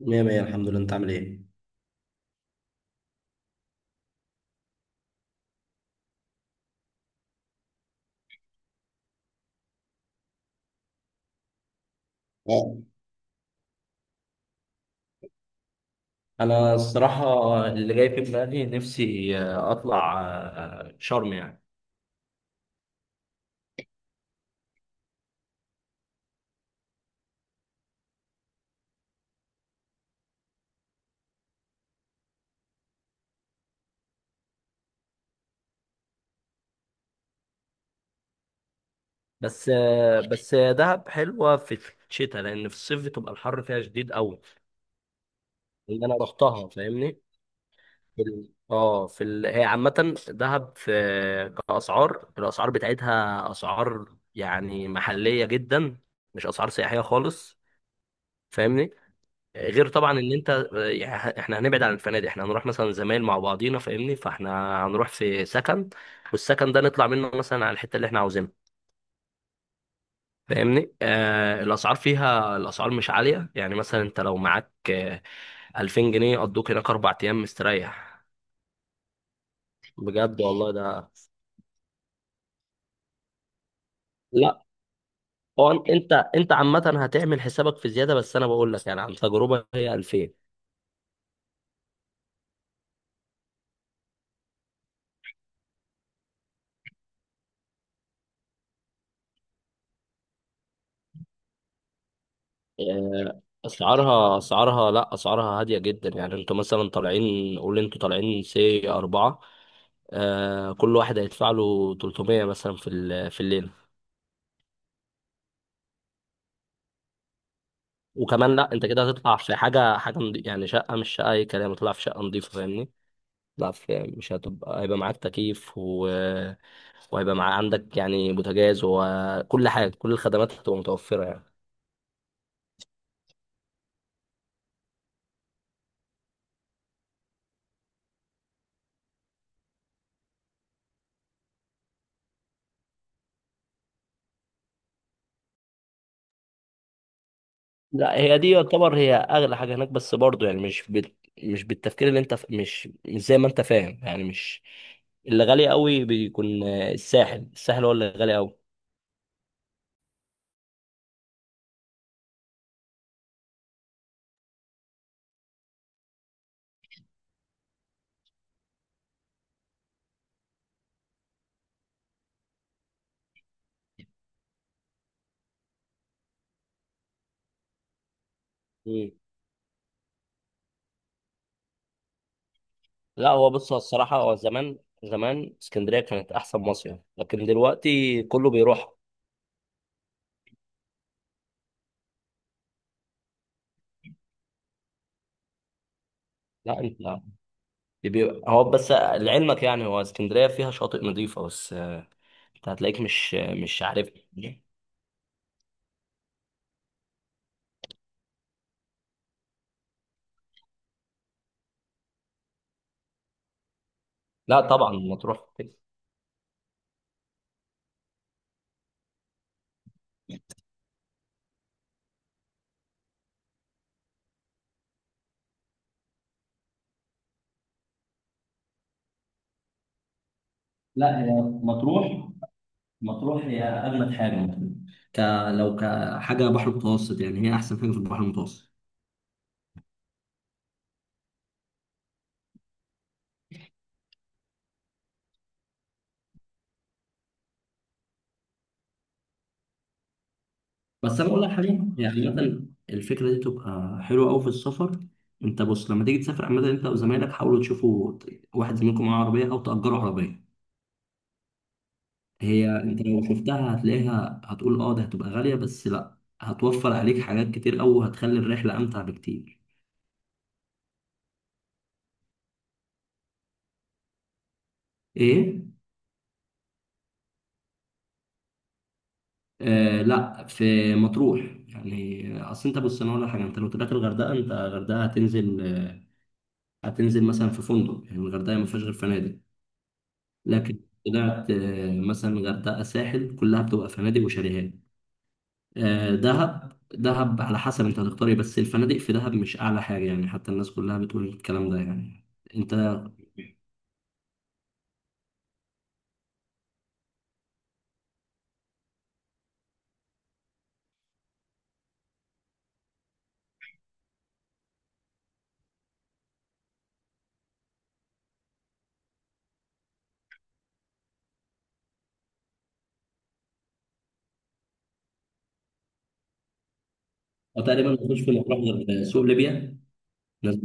مية مية الحمد لله، انت عامل ايه؟ اه، انا الصراحة، اللي جاي في دماغي نفسي اطلع شرم يعني. بس دهب حلوة في الشتاء، لان في الصيف بتبقى الحر فيها شديد قوي. اللي انا رحتها، فاهمني؟ في ال- اه في ال... هي عامة دهب في، الاسعار بتاعتها اسعار يعني محلية جدا، مش اسعار سياحية خالص، فاهمني؟ غير طبعا ان يعني احنا هنبعد عن الفنادق، احنا هنروح مثلا زمايل مع بعضينا، فاهمني، فاحنا هنروح في سكن، والسكن ده نطلع منه مثلا على الحته اللي احنا عاوزينها، فاهمني. الاسعار مش عاليه. يعني مثلا انت لو معاك 2000 جنيه قضوك هناك 4 ايام مستريح، بجد والله ده. لا، هو انت عامه هتعمل حسابك في زياده، بس انا بقول لك يعني عن تجربه، هي 2000. اسعارها اسعارها لا، اسعارها هاديه جدا. يعني انتوا مثلا طالعين، قول انتوا طالعين C4، كل واحد هيدفع له 300 مثلا في الليله. وكمان لا، انت كده هتطلع في حاجه، يعني شقه، مش شقه اي كلام، هتطلع في شقه نظيفه، فاهمني. لا، في مش هتبقى هيبقى معاك تكييف، و... وهيبقى عندك يعني بوتاجاز، وكل حاجه كل الخدمات هتبقى متوفره يعني. لا، هي دي يعتبر هي اغلى حاجه هناك، بس برضو يعني مش بال... مش بالتفكير اللي انت ف... مش زي ما انت فاهم يعني. مش، اللي غالي قوي بيكون الساحل. هو اللي غالي قوي. مم. لا، هو بص، هو الصراحه هو زمان، زمان اسكندريه كانت احسن مصيف، لكن دلوقتي كله بيروح. لا انت، بيبقى هو بس لعلمك يعني، هو اسكندريه فيها شاطئ نظيفه بس. انت هتلاقيك مش عارف. لا طبعا مطروح. لا، هي مطروح، مطروح هي اجمد حاجه ممكن، ك لو كحاجه بحر متوسط يعني، هي احسن حاجه في البحر المتوسط. بس انا اقول لك حاجه، يعني مثلا الفكره دي تبقى حلوه قوي في السفر. انت بص، لما تيجي تسافر عامه، انت وزمايلك حاولوا تشوفوا واحد زميلكم معاه عربيه، او تاجروا عربيه. هي انت لو شفتها هتلاقيها، هتقول اه ده هتبقى غاليه، بس لا، هتوفر عليك حاجات كتير قوي، وهتخلي الرحله امتع بكتير. ايه. آه لا، في مطروح. يعني اصل انت بص، انا اقول لك حاجه. انت لو طلعت الغردقه، انت الغردقه هتنزل هتنزل مثلا في فندق، يعني الغردقه ما فيهاش غير فنادق. لكن طلعت مثلا غردقه ساحل، كلها بتبقى فنادق وشاليهات. دهب، دهب على حسب انت هتختار ايه، بس الفنادق في دهب مش اعلى حاجه يعني، حتى الناس كلها بتقول الكلام ده يعني. انت تقريبا ما فيش في مطروح غير سوق ليبيا. الناس.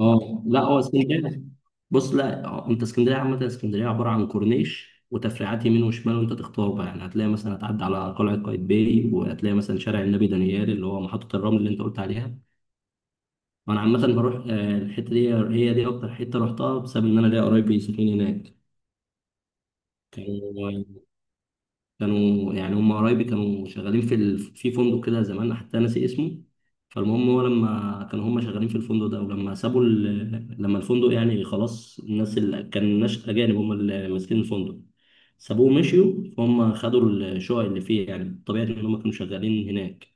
اه لا، هو اسكندريه، بص لا، انت اسكندريه عامه، اسكندريه عباره عن كورنيش وتفريعات يمين وشمال، وانت تختار بقى يعني، هتلاقي مثلا هتعدي على قلعه قايتباي، وهتلاقي مثلا شارع النبي دانيال اللي هو محطه الرمل اللي انت قلت عليها. وانا عامه بروح الحته دي، هي دي اكتر حته رحتها، بسبب ان انا ليا قرايبي ساكنين هناك. كانوا كانوا يعني، هم قرايبي كانوا شغالين في ال... في فندق كده زمان، حتى ناسي اسمه. فالمهم، هو لما كانوا هم شغالين في الفندق ده، ولما سابوا ال... لما الفندق يعني خلاص، الناس اللي كان، ناس أجانب هم اللي ماسكين الفندق، سابوه ومشيوا، فهم خدوا الشقق اللي فيه، يعني طبيعي إن هم كانوا شغالين هناك.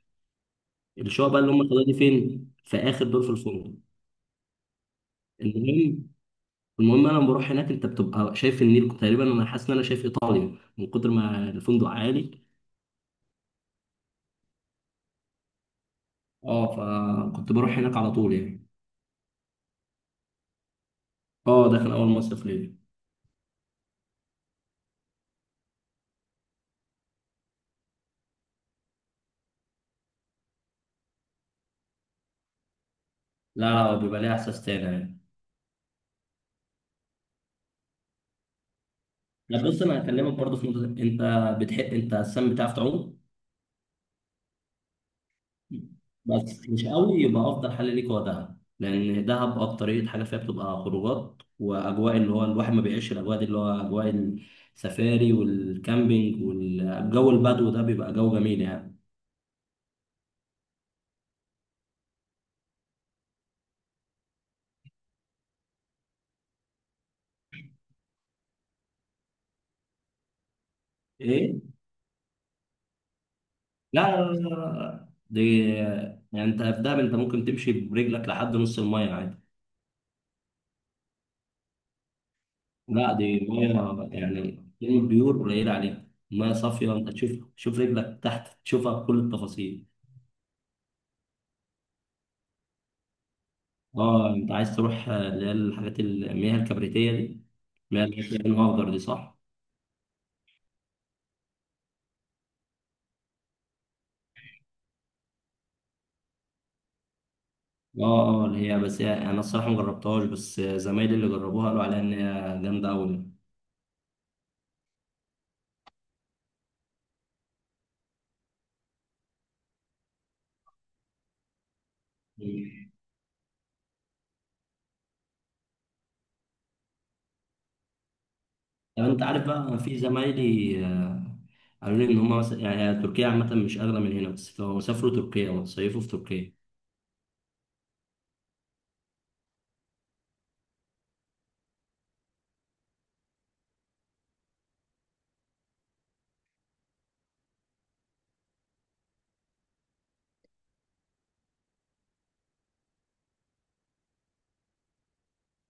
الشقق بقى اللي هم خدوها دي فين؟ في آخر دور في الفندق. المهم المهم انا لما بروح هناك، انت بتبقى شايف النيل، تقريبا انا حاسس ان انا شايف ايطاليا من كتر ما الفندق عالي. اه، فكنت بروح هناك على طول يعني. اه، ده كان اول مصيف ليا. لا لا، هو بيبقى ليه احساس تاني يعني. لا بص، انا هكلمك برضه في نقطه، انت بتحب انت السم، بتعرف تعوم؟ بس مش قوي، يبقى افضل حل ليك هو دهب، لان دهب اكتريه حاجه فيها بتبقى خروجات واجواء، اللي هو الواحد ما بيعيش الاجواء دي، اللي هو اجواء السفاري والكامبينج والجو البدو ده، بيبقى جو جميل يعني. ايه. لا لا لا لا لا، دي، يعني انت في دهب انت ممكن تمشي برجلك لحد نص الميه عادي. لا، دي ميه يعني كلمة بيور قليل عليها، ميه صافية، انت تشوف، رجلك تحت، تشوفها بكل التفاصيل. اه، انت عايز تروح اللي هي الحاجات المياه الكبريتية دي، المياه اللي هي فيها لون اخضر دي، صح؟ اه اه، اللي هي بس هي، انا الصراحة ما جربتهاش، بس زمايلي اللي جربوها قالوا عليها ان هي جامدة أوي، يعني. طب انت عارف بقى، في زمايلي قالوا لي ان هم مثلا يعني تركيا عامة مش أغلى من هنا، بس لو سافروا تركيا وصيفوا في تركيا.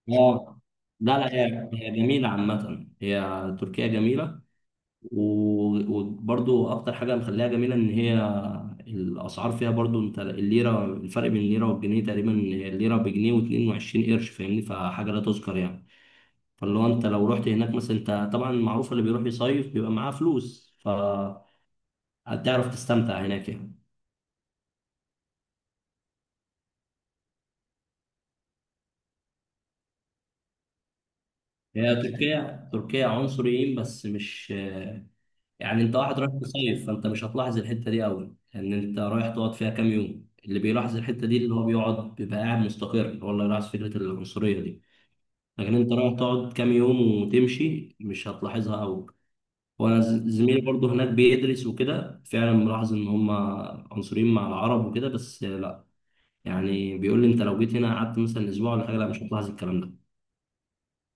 اه لا لا، هي جميلة عامة، هي تركيا جميلة، و- وبرضو أكتر حاجة مخليها جميلة إن هي الأسعار فيها برضو، أنت الليرة، الفرق بين الليرة والجنيه تقريبا، الليرة بجنيه واتنين وعشرين قرش، فاهمني، فحاجة لا تذكر يعني. فاللي هو أنت لو رحت هناك مثلا، أنت طبعا معروف اللي بيروح يصيف بيبقى معاه فلوس، فهتعرف تستمتع هناك يعني. هي تركيا، تركيا عنصريين، بس مش، يعني انت واحد رايح تصيف، فانت مش هتلاحظ الحته دي قوي، لان انت رايح تقعد فيها كام يوم. اللي بيلاحظ الحته دي اللي هو بيقعد، بيبقى قاعد مستقر، هو اللي يلاحظ فكره العنصريه دي. لكن انت رايح تقعد كام يوم وتمشي، مش هتلاحظها قوي. وانا زميلي برضه هناك بيدرس وكده، فعلا ملاحظ ان هم عنصريين مع العرب وكده، بس لا، يعني بيقول لي انت لو جيت هنا قعدت مثلا اسبوع ولا حاجه، لا مش هتلاحظ الكلام ده.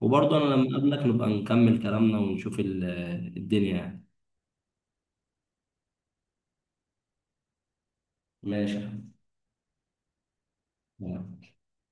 وبرضه انا لما اقابلك نبقى نكمل كلامنا ونشوف الدنيا يعني. ماشي يا حبيبي.